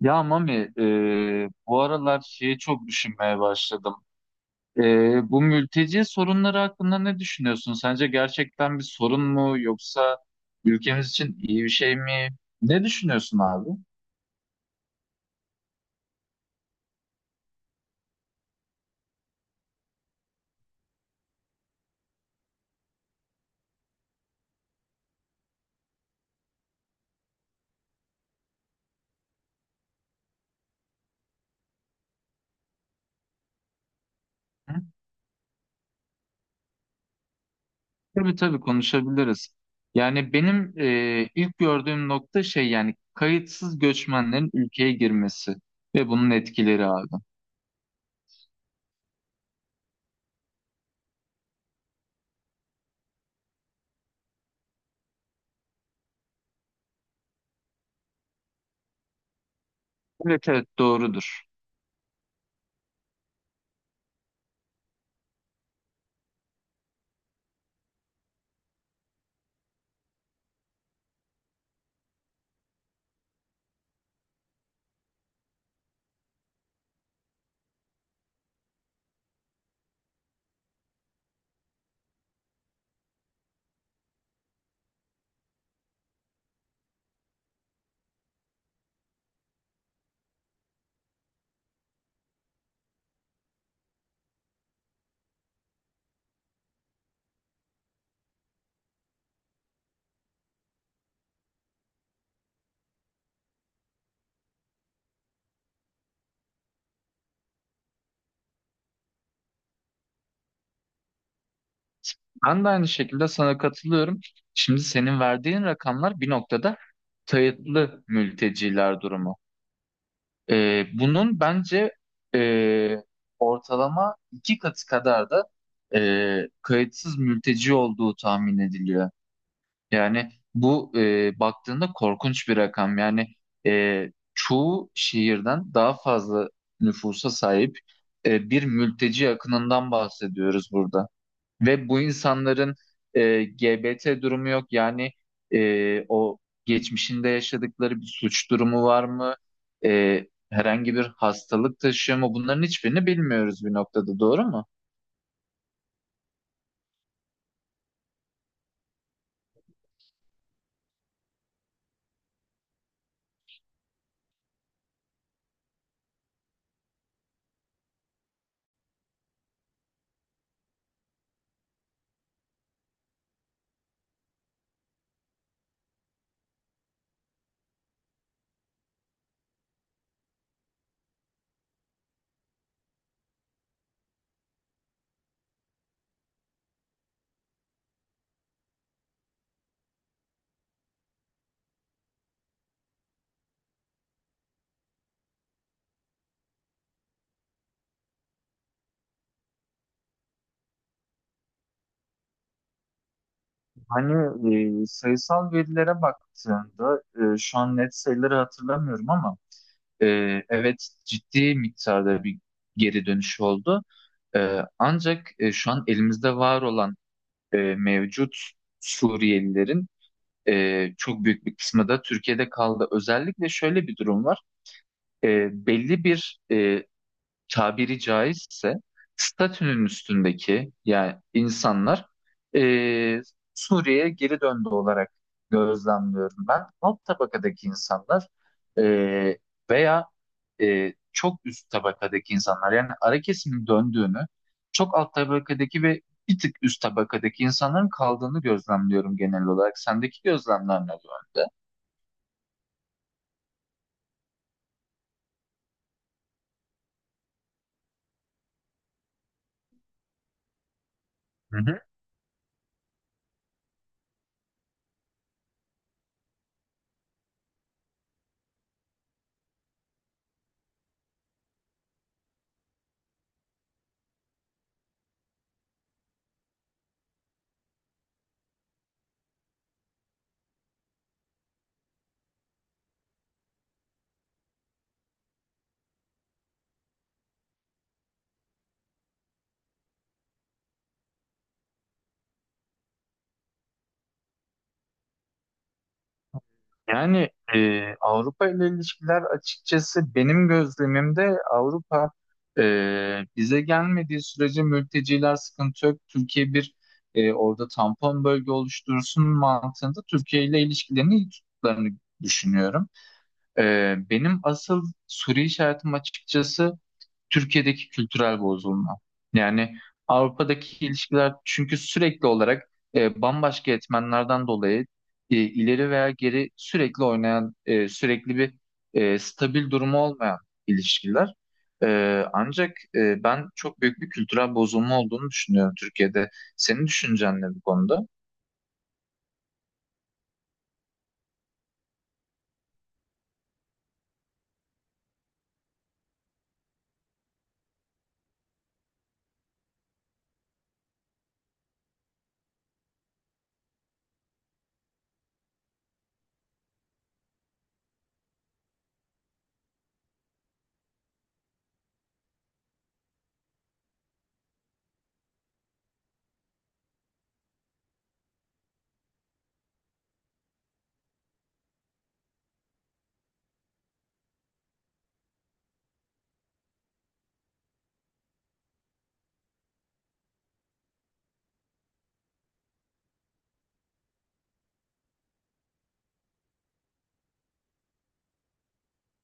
Ya Mami, bu aralar şeyi çok düşünmeye başladım. Bu mülteci sorunları hakkında ne düşünüyorsun? Sence gerçekten bir sorun mu yoksa ülkemiz için iyi bir şey mi? Ne düşünüyorsun abi? Hı? Tabii tabii, konuşabiliriz. Yani benim ilk gördüğüm nokta şey, yani kayıtsız göçmenlerin ülkeye girmesi ve bunun etkileri abi. Evet evet, doğrudur. Ben de aynı şekilde sana katılıyorum. Şimdi senin verdiğin rakamlar bir noktada kayıtlı mülteciler durumu. Bunun bence e, ortalama iki katı kadar da kayıtsız mülteci olduğu tahmin ediliyor. Yani bu, baktığında korkunç bir rakam. Yani çoğu şehirden daha fazla nüfusa sahip bir mülteci akınından bahsediyoruz burada. Ve bu insanların GBT durumu yok. Yani o geçmişinde yaşadıkları bir suç durumu var mı? Herhangi bir hastalık taşıyor mu? Bunların hiçbirini bilmiyoruz bir noktada, doğru mu? Hani sayısal verilere baktığında, şu an net sayıları hatırlamıyorum ama e, evet, ciddi miktarda bir geri dönüş oldu. Ancak şu an elimizde var olan mevcut Suriyelilerin çok büyük bir kısmı da Türkiye'de kaldı. Özellikle şöyle bir durum var. Belli bir tabiri caizse statünün üstündeki yani insanlar e, Suriye'ye geri döndü olarak gözlemliyorum ben. Alt tabakadaki insanlar e, veya çok üst tabakadaki insanlar, yani ara kesimin döndüğünü, çok alt tabakadaki ve bir tık üst tabakadaki insanların kaldığını gözlemliyorum genel olarak. Sendeki gözlemler ne bu yönde? Yani Avrupa ile ilişkiler açıkçası, benim gözlemimde Avrupa e, bize gelmediği sürece mülteciler sıkıntı yok. Türkiye bir orada tampon bölge oluştursun mantığında Türkiye ile ilişkilerini iyi tuttuklarını düşünüyorum. Benim asıl soru işaretim açıkçası Türkiye'deki kültürel bozulma. Yani Avrupa'daki ilişkiler, çünkü sürekli olarak bambaşka etmenlerden dolayı ileri veya geri sürekli oynayan, sürekli bir stabil durumu olmayan ilişkiler. E, ancak ben çok büyük bir kültürel bozulma olduğunu düşünüyorum Türkiye'de. Senin düşüncen ne bu konuda?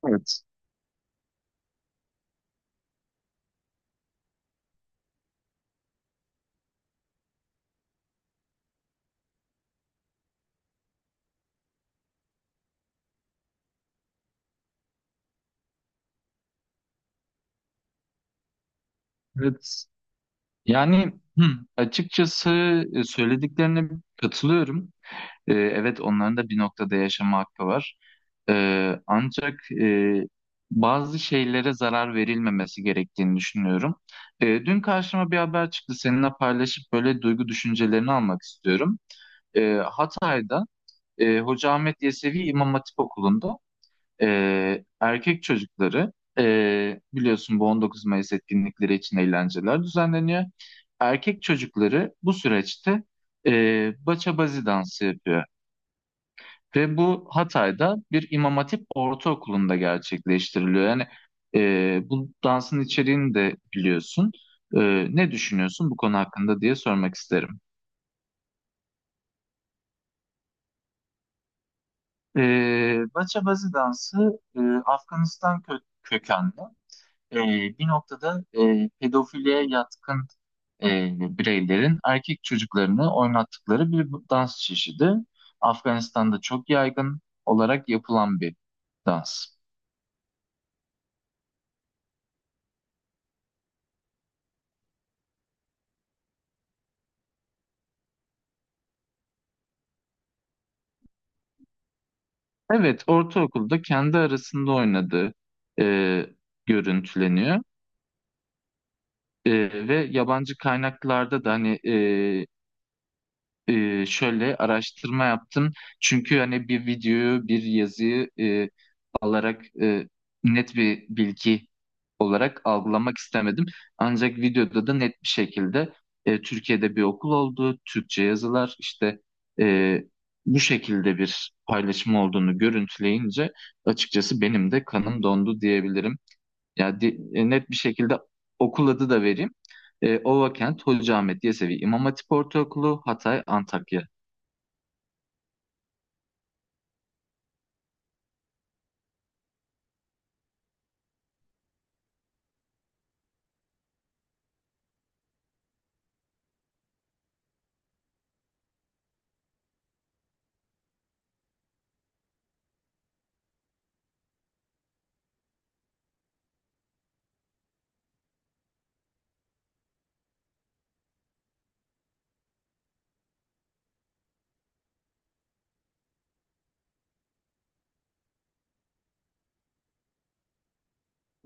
Evet. Evet. Yani hı, açıkçası söylediklerine katılıyorum. Evet, onların da bir noktada yaşama hakkı var. Ancak bazı şeylere zarar verilmemesi gerektiğini düşünüyorum. Dün karşıma bir haber çıktı. Seninle paylaşıp böyle duygu düşüncelerini almak istiyorum. Hatay'da Hoca Ahmet Yesevi İmam Hatip Okulu'nda erkek çocukları, biliyorsun, bu 19 Mayıs etkinlikleri için eğlenceler düzenleniyor. Erkek çocukları bu süreçte baça bazi dansı yapıyor. Ve bu Hatay'da bir İmam Hatip Ortaokulu'nda gerçekleştiriliyor. Yani bu dansın içeriğini de biliyorsun. E, ne düşünüyorsun bu konu hakkında diye sormak isterim. E, Bachabazi dansı Afganistan kökenli. E, bir noktada pedofiliye yatkın e, bireylerin erkek çocuklarını oynattıkları bir dans çeşidi. Afganistan'da çok yaygın olarak yapılan bir dans. Evet, ortaokulda kendi arasında oynadığı e, görüntüleniyor. E, ve yabancı kaynaklarda da hani şöyle araştırma yaptım. Çünkü hani bir videoyu, bir yazıyı alarak net bir bilgi olarak algılamak istemedim. Ancak videoda da net bir şekilde Türkiye'de bir okul olduğu, Türkçe yazılar işte e, bu şekilde bir paylaşım olduğunu görüntüleyince açıkçası benim de kanım dondu diyebilirim. Yani net bir şekilde okul adı da vereyim. Ovakent Hocaahmet Yesevi İmam Hatip Ortaokulu Hatay Antakya.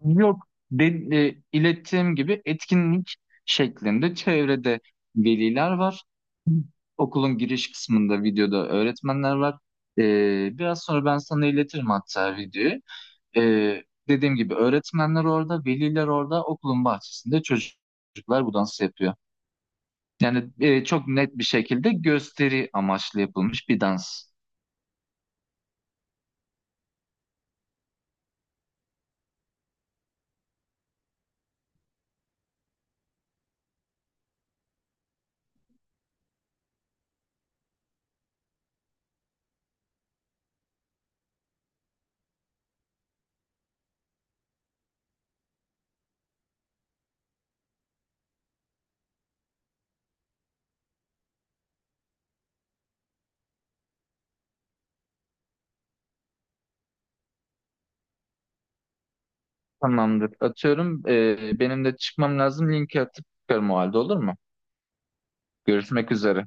Yok, ilettiğim gibi etkinlik şeklinde çevrede veliler var. Okulun giriş kısmında videoda öğretmenler var. Biraz sonra ben sana iletirim hatta videoyu. E, dediğim gibi öğretmenler orada, veliler orada, okulun bahçesinde çocuklar bu dansı yapıyor. Yani çok net bir şekilde gösteri amaçlı yapılmış bir dans. Tamamdır. Atıyorum. Benim de çıkmam lazım. Linki atıp çıkarım o halde, olur mu? Görüşmek üzere.